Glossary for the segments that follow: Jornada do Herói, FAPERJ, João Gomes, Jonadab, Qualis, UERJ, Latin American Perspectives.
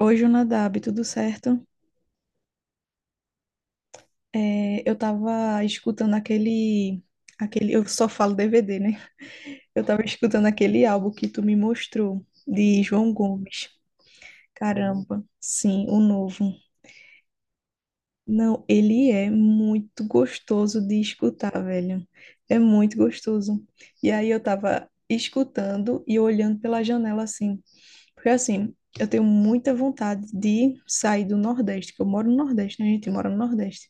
Oi, Jonadab, tudo certo? É, eu tava escutando aquele. Eu só falo DVD, né? Eu tava escutando aquele álbum que tu me mostrou, de João Gomes. Caramba, sim, o novo. Não, ele é muito gostoso de escutar, velho. É muito gostoso. E aí eu tava escutando e olhando pela janela assim. Porque assim, eu tenho muita vontade de sair do Nordeste, que eu moro no Nordeste, né? A gente mora no Nordeste.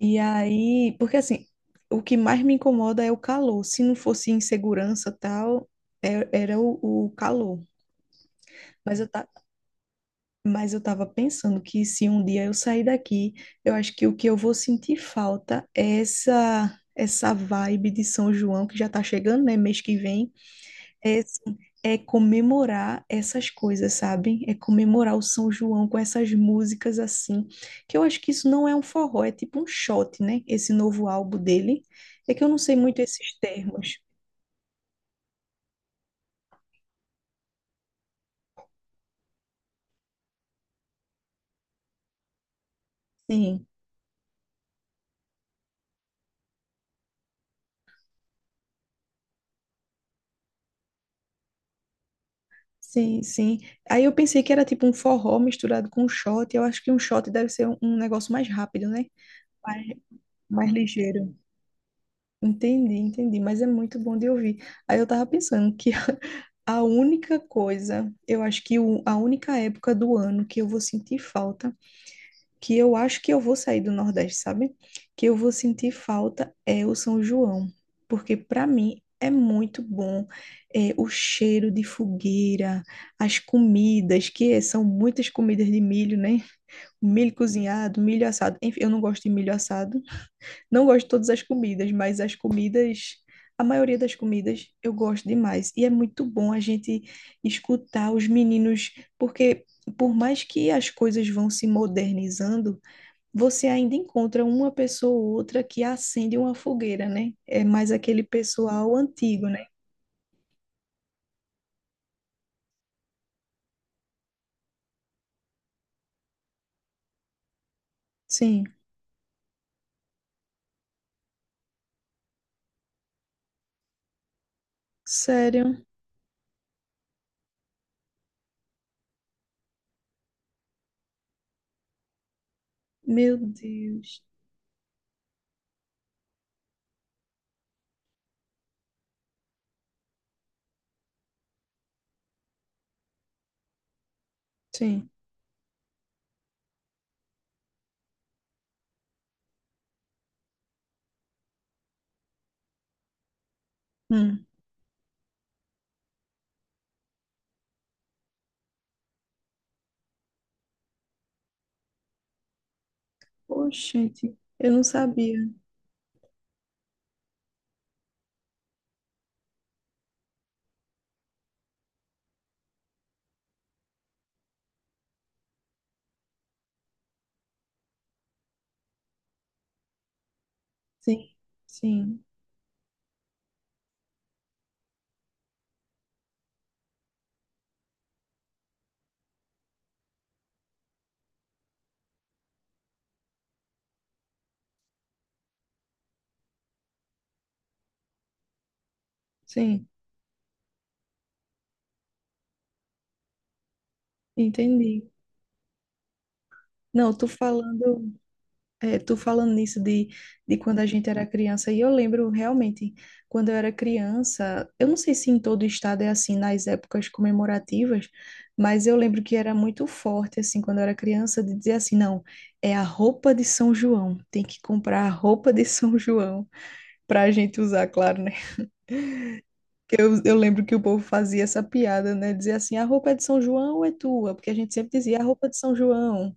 E aí, porque assim, o que mais me incomoda é o calor. Se não fosse insegurança tal, era o calor. Mas eu, ta, mas eu tava pensando que se um dia eu sair daqui, eu acho que o que eu vou sentir falta é essa vibe de São João que já tá chegando, né? Mês que vem. É, assim, é comemorar essas coisas, sabe? É comemorar o São João com essas músicas assim, que eu acho que isso não é um forró, é tipo um shot, né? Esse novo álbum dele. É que eu não sei muito esses termos. Sim, sim, sim. Aí eu pensei que era tipo um forró misturado com um shot. Eu acho que um shot deve ser um negócio mais rápido, né? Mais, mais ligeiro. Entendi, entendi, mas é muito bom de ouvir. Aí eu tava pensando que a única coisa, eu acho que a única época do ano que eu vou sentir falta, que eu acho que eu vou sair do Nordeste, sabe? Que eu vou sentir falta é o São João, porque para mim é muito bom é, o cheiro de fogueira, as comidas, que é, são muitas comidas de milho, né? Milho cozinhado, milho assado. Enfim, eu não gosto de milho assado, não gosto de todas as comidas, mas as comidas, a maioria das comidas eu gosto demais. E é muito bom a gente escutar os meninos, porque por mais que as coisas vão se modernizando, você ainda encontra uma pessoa ou outra que acende uma fogueira, né? É mais aquele pessoal antigo, né? Sim. Sério? Meu Deus. Sim. Hum. Oxente, eu não sabia. Sim, sim, sim. Entendi. Não, tô falando. É, tu falando nisso de quando a gente era criança, e eu lembro realmente, quando eu era criança, eu não sei se em todo estado é assim nas épocas comemorativas, mas eu lembro que era muito forte, assim, quando eu era criança, de dizer assim, não, é a roupa de São João, tem que comprar a roupa de São João pra gente usar, claro, né? Que eu lembro que o povo fazia essa piada, né? Dizia assim, a roupa é de São João ou é tua? Porque a gente sempre dizia, a roupa de São João.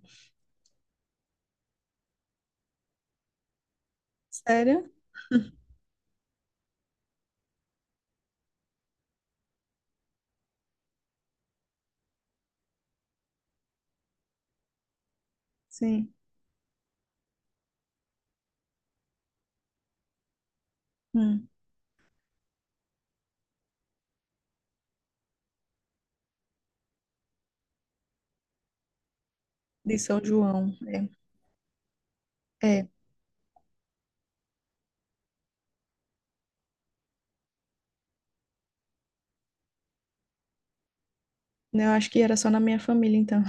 Sério? Sim. Hum, de São João, é. É. Né, eu acho que era só na minha família, então.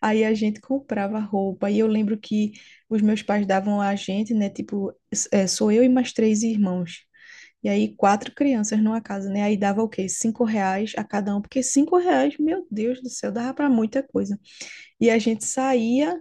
Aí a gente comprava roupa. E eu lembro que os meus pais davam a gente, né? Tipo, sou eu e mais três irmãos. E aí, quatro crianças numa casa, né? Aí dava o quê? 5 reais a cada um. Porque 5 reais, meu Deus do céu, dava para muita coisa. E a gente saía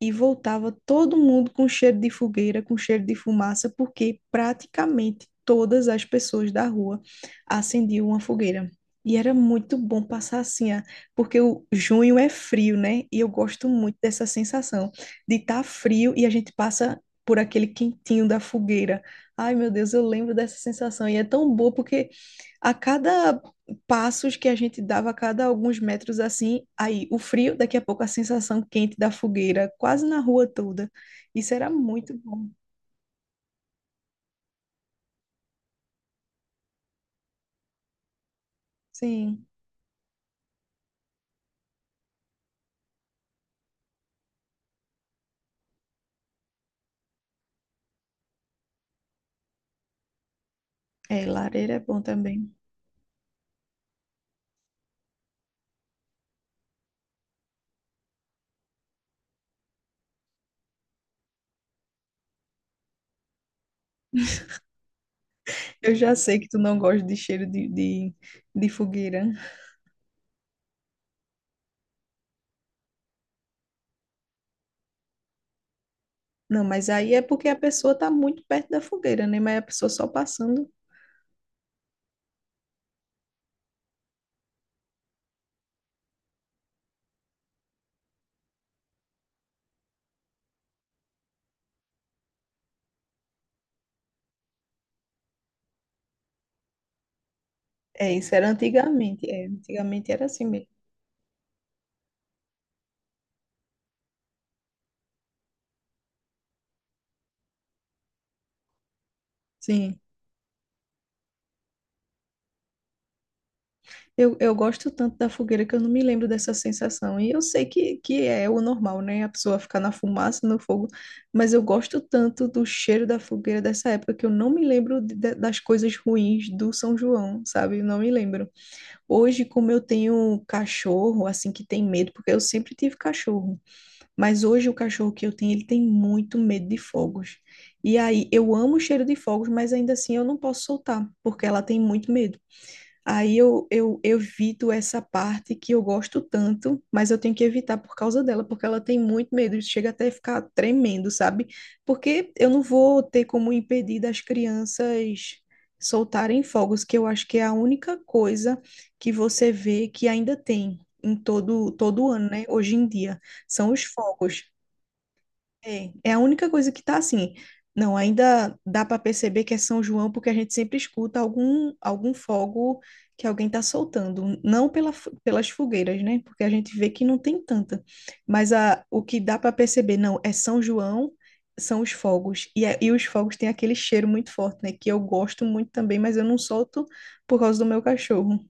e voltava todo mundo com cheiro de fogueira, com cheiro de fumaça, porque praticamente todas as pessoas da rua acendiam uma fogueira. E era muito bom passar assim, ah, porque o junho é frio, né? E eu gosto muito dessa sensação de estar frio e a gente passa por aquele quentinho da fogueira. Ai, meu Deus, eu lembro dessa sensação. E é tão boa porque a cada passos que a gente dava a cada alguns metros assim, aí o frio, daqui a pouco a sensação quente da fogueira, quase na rua toda. Isso era muito bom. Sim, é, lareira é bom também. Eu já sei que tu não gosta de cheiro de fogueira. Não, mas aí é porque a pessoa tá muito perto da fogueira, né? Mas a pessoa só passando. É, isso era antigamente. É, antigamente era assim mesmo. Sim. Eu gosto tanto da fogueira que eu não me lembro dessa sensação. E eu sei que é o normal, né? A pessoa ficar na fumaça, no fogo. Mas eu gosto tanto do cheiro da fogueira dessa época que eu não me lembro das coisas ruins do São João, sabe? Eu não me lembro. Hoje, como eu tenho cachorro, assim, que tem medo, porque eu sempre tive cachorro. Mas hoje o cachorro que eu tenho, ele tem muito medo de fogos. E aí, eu amo o cheiro de fogos, mas ainda assim eu não posso soltar, porque ela tem muito medo. Aí eu evito essa parte que eu gosto tanto, mas eu tenho que evitar por causa dela, porque ela tem muito medo, chega até a ficar tremendo, sabe? Porque eu não vou ter como impedir das crianças soltarem fogos, que eu acho que é a única coisa que você vê que ainda tem em todo ano, né? Hoje em dia, são os fogos. É a única coisa que tá assim. Não, ainda dá para perceber que é São João porque a gente sempre escuta algum fogo que alguém tá soltando, não pelas fogueiras, né? Porque a gente vê que não tem tanta. Mas o que dá para perceber, não, é São João, são os fogos. E os fogos têm aquele cheiro muito forte, né? Que eu gosto muito também, mas eu não solto por causa do meu cachorro.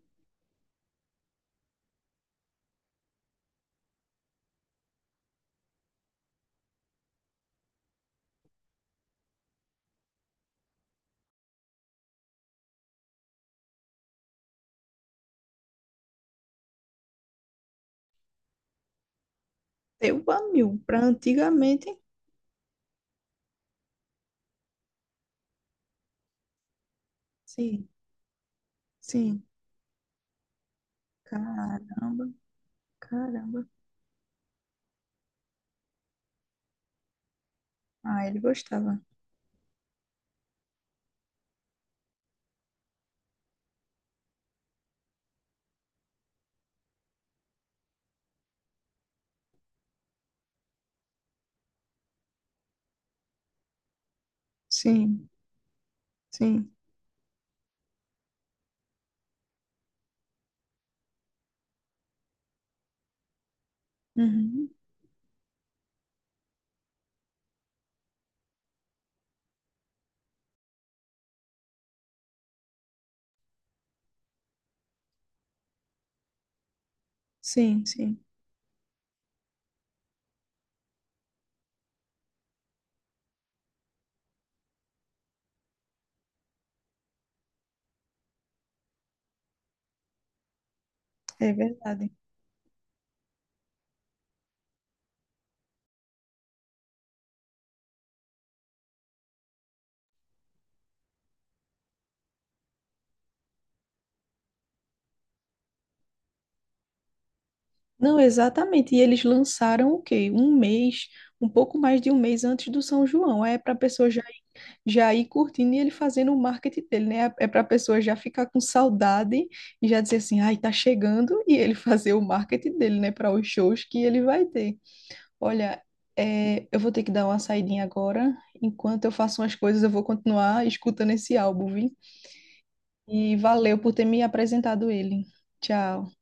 Eu, amigo, pra antigamente, sim, sim. Caramba, caramba. Ah, ele gostava. Sim, sim. Uhum. Sim, sim. É verdade. Não, exatamente. E eles lançaram o quê? Um mês, um pouco mais de um mês antes do São João. Aí, é para a pessoa já, ir curtindo e ele fazendo o marketing dele, né? É para a pessoa já ficar com saudade e já dizer assim, ai, tá chegando, e ele fazer o marketing dele, né? Para os shows que ele vai ter. Olha, é, eu vou ter que dar uma saidinha agora. Enquanto eu faço umas coisas, eu vou continuar escutando esse álbum, viu? E valeu por ter me apresentado ele. Tchau.